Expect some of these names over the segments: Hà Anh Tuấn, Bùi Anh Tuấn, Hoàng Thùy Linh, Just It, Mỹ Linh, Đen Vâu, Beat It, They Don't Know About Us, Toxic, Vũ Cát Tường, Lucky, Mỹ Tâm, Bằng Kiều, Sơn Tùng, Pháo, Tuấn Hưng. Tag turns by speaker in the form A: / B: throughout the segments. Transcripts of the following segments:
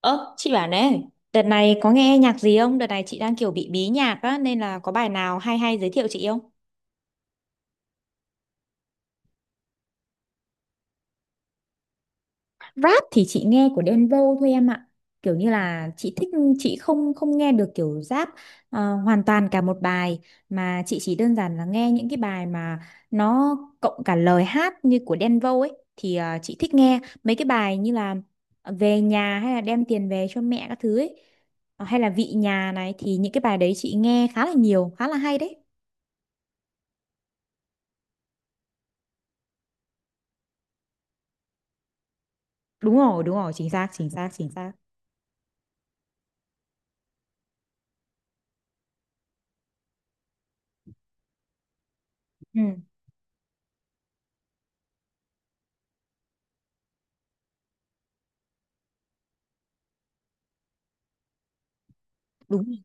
A: Ơ, chị bảo này, đợt này có nghe nhạc gì không? Đợt này chị đang kiểu bị bí nhạc á, nên là có bài nào hay hay giới thiệu chị không? Rap thì chị nghe của Đen Vâu thôi em ạ. Kiểu như là chị thích, chị không không nghe được kiểu rap hoàn toàn cả một bài, mà chị chỉ đơn giản là nghe những cái bài mà nó cộng cả lời hát như của Đen Vâu ấy thì chị thích nghe mấy cái bài như là về nhà hay là đem tiền về cho mẹ các thứ ấy. Ờ, hay là vị nhà này thì những cái bài đấy chị nghe khá là nhiều, khá là hay đấy. Đúng rồi, đúng rồi, chính xác, chính xác, chính xác. Ừ. Đúng rồi.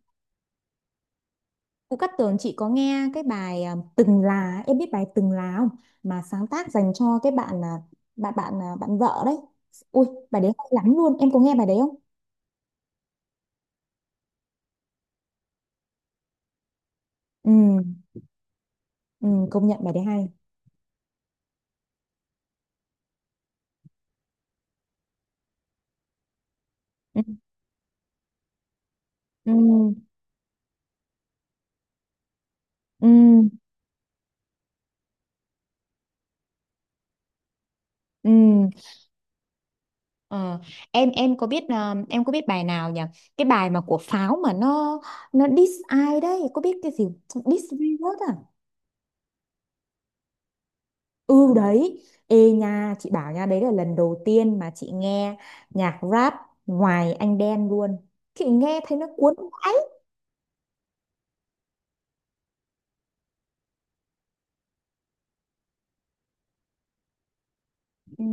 A: Vũ Cát Tường chị có nghe cái bài Từng Là, em biết bài Từng Là không, mà sáng tác dành cho cái bạn vợ đấy. Ui bài đấy hay lắm luôn, em có nghe bài đấy không? Ừ, ừ công nhận bài đấy hay. Ừ ừ ừ, ừ. Ờ, em có biết em có biết bài nào nhỉ, cái bài mà của Pháo mà nó diss ai đấy, có biết cái gì, diss virus à? Ừ đấy, ê nha, chị bảo nha, đấy là lần đầu tiên mà chị nghe nhạc rap ngoài anh đen luôn. Chị nghe thấy nó cuốn vãi. Ừ.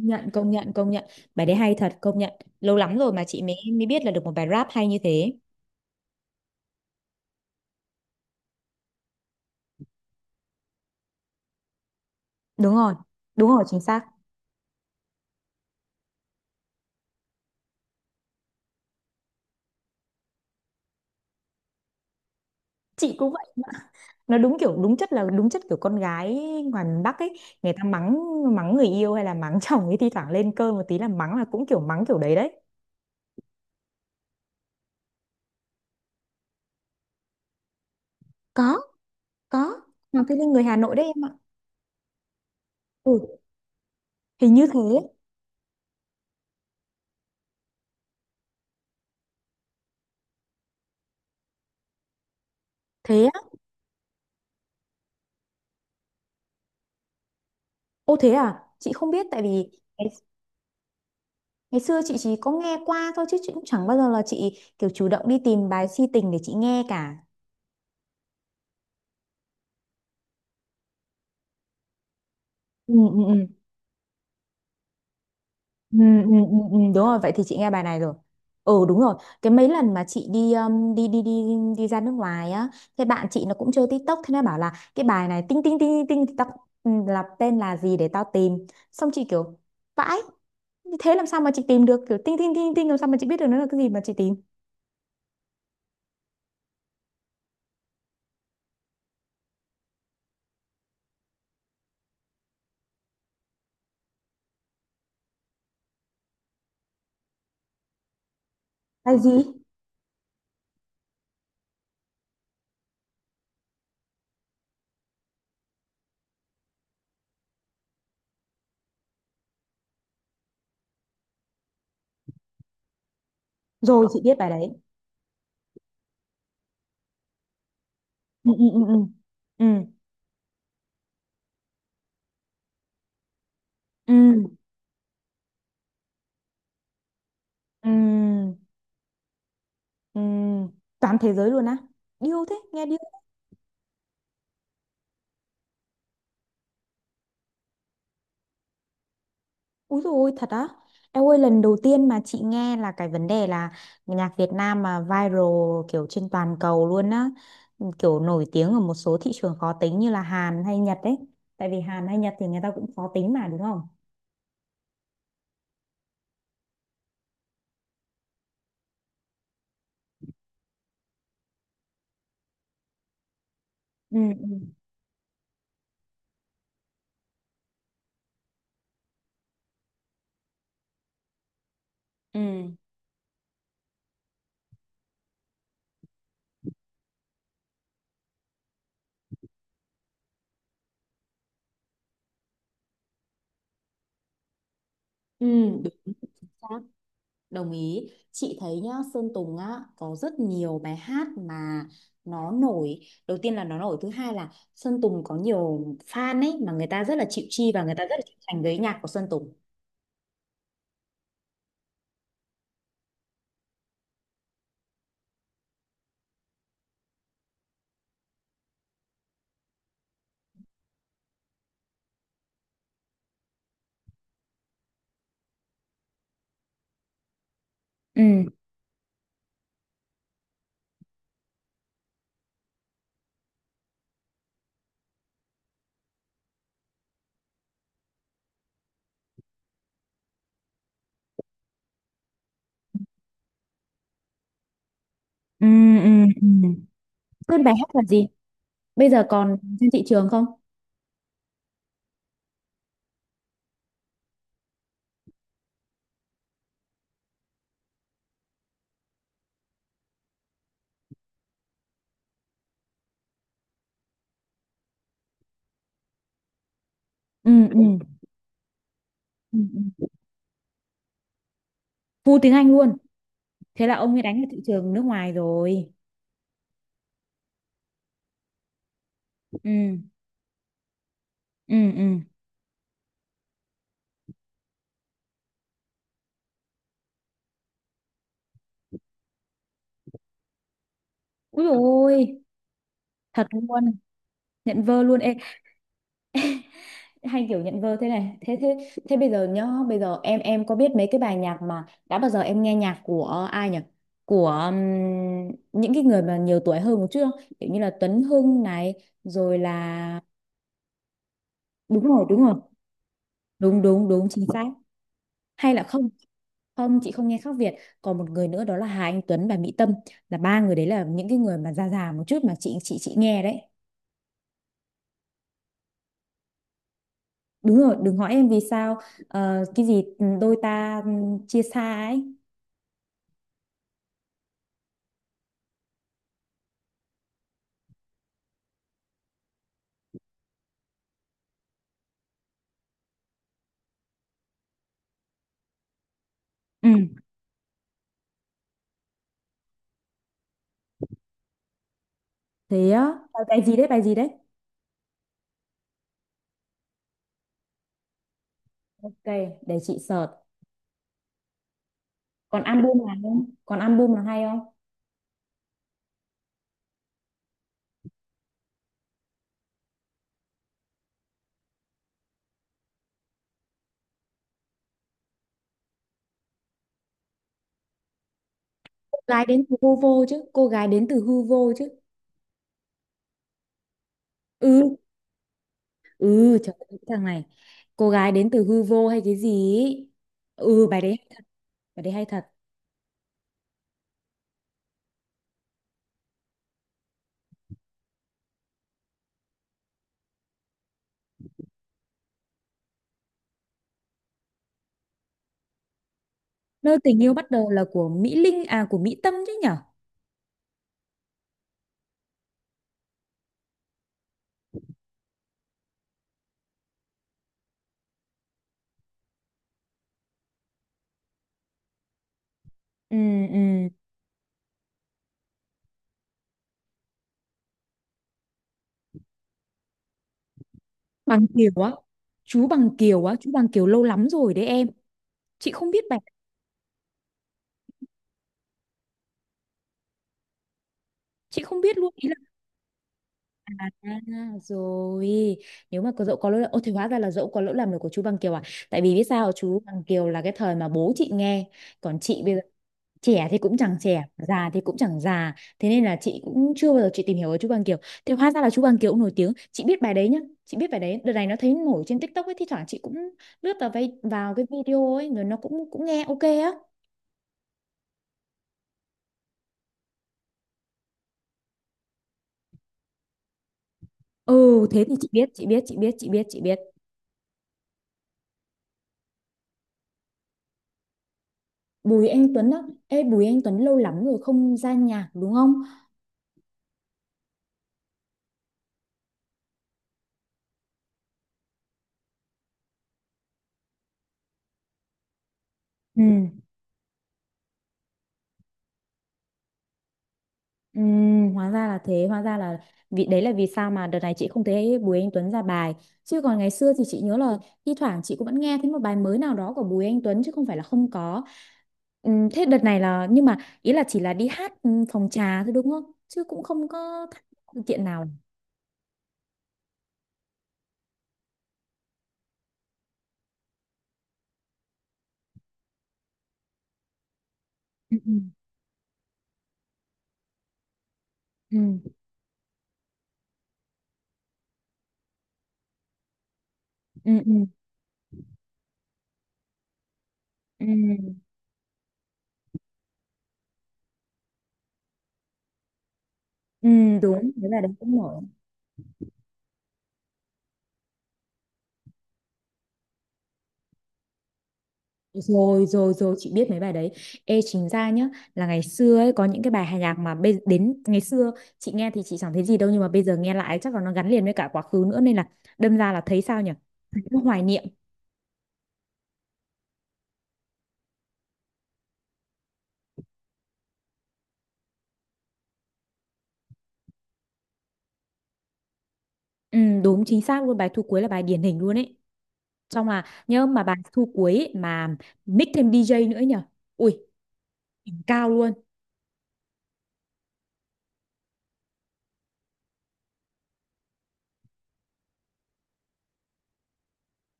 A: Công nhận, công nhận, công nhận, bài đấy hay thật công nhận, lâu lắm rồi mà chị mới mới biết là được một bài rap hay như thế. Đúng rồi, đúng rồi, chính xác. Chị cũng vậy. Nó đúng kiểu, đúng chất, là đúng chất kiểu con gái ngoài miền Bắc ấy. Người ta mắng mắng người yêu hay là mắng chồng ấy, thi thoảng lên cơn một tí là mắng, là cũng kiểu mắng kiểu đấy đấy. Có, có. Hoàng Thùy Linh người Hà Nội đấy em ạ. Ừ, hình như thế. Thế á? Ô thế à? Chị không biết, tại vì ngày, ngày xưa chị chỉ có nghe qua thôi, chứ chị cũng chẳng bao giờ là chị kiểu chủ động đi tìm bài si tình để chị nghe cả. Ừ, ừ, ừ. Ừ, ừ, ừ, ừ, đúng rồi, vậy thì chị nghe bài này rồi. Ừ đúng rồi, cái mấy lần mà chị đi đi đi đi đi ra nước ngoài á, thế bạn chị nó cũng chơi TikTok, thế nó bảo là cái bài này tinh tinh tinh tinh tinh tao, ừ, là tên là gì để tao tìm. Xong chị kiểu vãi, thế làm sao mà chị tìm được kiểu tinh tinh tinh tinh, làm sao mà chị biết được nó là cái gì mà chị tìm. Bài gì? Rồi chị biết bài đấy. Ừ ừ ừ ừ. Ừ ừ ừ. Ừ. Toàn thế giới luôn á. Điêu thế, nghe điêu. Úi dồi ôi, thật á. Em ơi lần đầu tiên mà chị nghe là cái vấn đề là nhạc Việt Nam mà viral kiểu trên toàn cầu luôn á. Kiểu nổi tiếng ở một số thị trường khó tính như là Hàn hay Nhật ấy. Tại vì Hàn hay Nhật thì người ta cũng khó tính mà đúng không? Ừ ừ ừ. Ừ. Đúng. Đồng ý, chị thấy nhá, Sơn Tùng á có rất nhiều bài hát mà nó nổi. Đầu tiên là nó nổi, thứ hai là Sơn Tùng có nhiều fan ấy, mà người ta rất là chịu chi và người ta rất là chịu thành với nhạc của Sơn Tùng. Ừ ừ ừ ừ. Sơn bài hát là gì, bây giờ còn trên thị trường không? Ừ ừ ừ ừ. Full tiếng Anh luôn, thế là ông ấy đánh vào thị trường nước ngoài rồi. Ừ ừ ừ. Ui ôi, thật luôn, nhận vơ luôn. Ê, hay kiểu nhận vơ thế này thế thế, thế bây giờ nhá, bây giờ em có biết mấy cái bài nhạc mà đã bao giờ em nghe nhạc của ai nhỉ, của những cái người mà nhiều tuổi hơn một chút không, kiểu như là Tuấn Hưng này, rồi là đúng rồi, đúng rồi, đúng đúng đúng chính xác. Hay là không? Không, chị không nghe khác Việt. Còn một người nữa đó là Hà Anh Tuấn và Mỹ Tâm, là ba người đấy là những cái người mà già già một chút mà chị nghe đấy. Đúng rồi, đừng hỏi em vì sao. Ờ, cái gì, đôi ta chia xa ấy. Ừ thế á, bài bài gì đấy, bài gì đấy? Ok để chị search. Còn album là không, còn album là hay không? Cô gái đến từ hư vô chứ, cô gái đến từ hư vô chứ. Ừ, ừ trời ơi, cái thằng này, cô gái đến từ hư vô hay cái gì ý. Ừ bài đấy, bài đấy hay thật. Nơi tình yêu bắt đầu là của Mỹ Linh à, của Mỹ Tâm chứ nhở? Ừ ừ. Bằng Kiều á, chú Bằng Kiều á, chú Bằng Kiều lâu lắm rồi đấy em, chị không biết bài, chị không biết luôn ý là. À, rồi nếu mà có dẫu có lỗi là ô thì hóa ra là dẫu có lỗi làm được của chú Bằng Kiều à. Tại vì biết sao, chú Bằng Kiều là cái thời mà bố chị nghe, còn chị bây giờ trẻ thì cũng chẳng trẻ, già thì cũng chẳng già, thế nên là chị cũng chưa bao giờ chị tìm hiểu về chú Bằng Kiều. Thì hóa ra là chú Bằng Kiều cũng nổi tiếng, chị biết bài đấy nhá, chị biết bài đấy, đợt này nó thấy nổi trên TikTok ấy, thi thoảng chị cũng lướt vào cái video ấy, rồi nó cũng cũng nghe ok á. Ừ thế thì chị biết chị biết chị biết chị biết chị biết Bùi Anh Tuấn á, ê Bùi Anh Tuấn lâu lắm rồi không ra nhạc đúng không? Ừ. Ừ, hóa ra là thế, hóa ra là vì đấy là vì sao mà đợt này chị không thấy Bùi Anh Tuấn ra bài, chứ còn ngày xưa thì chị nhớ là thi thoảng chị cũng vẫn nghe thấy một bài mới nào đó của Bùi Anh Tuấn chứ không phải là không có. Ừ, thế đợt này là, nhưng mà ý là chỉ là đi hát phòng trà thôi đúng không, chứ cũng không có tham gia sự kiện nào? Ừ, ừ, ừ, ừ, ừ, ừ, ừ, đúng, thế là đấy cũng nổi. Rồi rồi rồi chị biết mấy bài đấy. Ê chính ra nhá, là ngày xưa ấy có những cái bài nhạc mà đến ngày xưa chị nghe thì chị chẳng thấy gì đâu, nhưng mà bây giờ nghe lại chắc là nó gắn liền với cả quá khứ nữa, nên là đâm ra là thấy sao nhỉ, nó hoài niệm. Ừ, đúng chính xác luôn, bài thu cuối là bài điển hình luôn ấy, xong là nhớ mà bài thu cuối ấy, mà mix thêm DJ nữa ấy nhỉ, ui đỉnh cao luôn.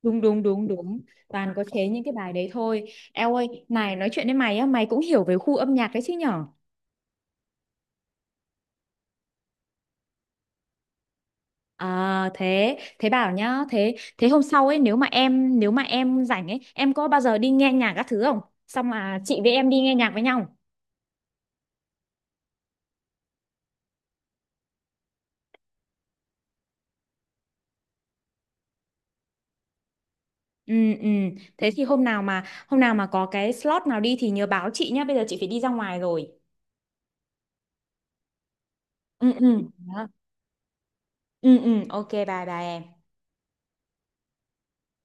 A: Đúng đúng đúng đúng, toàn có chế những cái bài đấy thôi. Eo ơi này, nói chuyện với mày á, mày cũng hiểu về khu âm nhạc đấy chứ nhở? À thế, thế bảo nhá, thế thế hôm sau ấy nếu mà em, nếu mà em rảnh ấy, em có bao giờ đi nghe nhạc các thứ không? Xong là chị với em đi nghe nhạc với nhau. Ừ ừ, thế thì hôm nào mà có cái slot nào đi thì nhớ báo chị nhá, bây giờ chị phải đi ra ngoài rồi. Ừ ừ. Đó. Ừ ừ, ok bye bye em.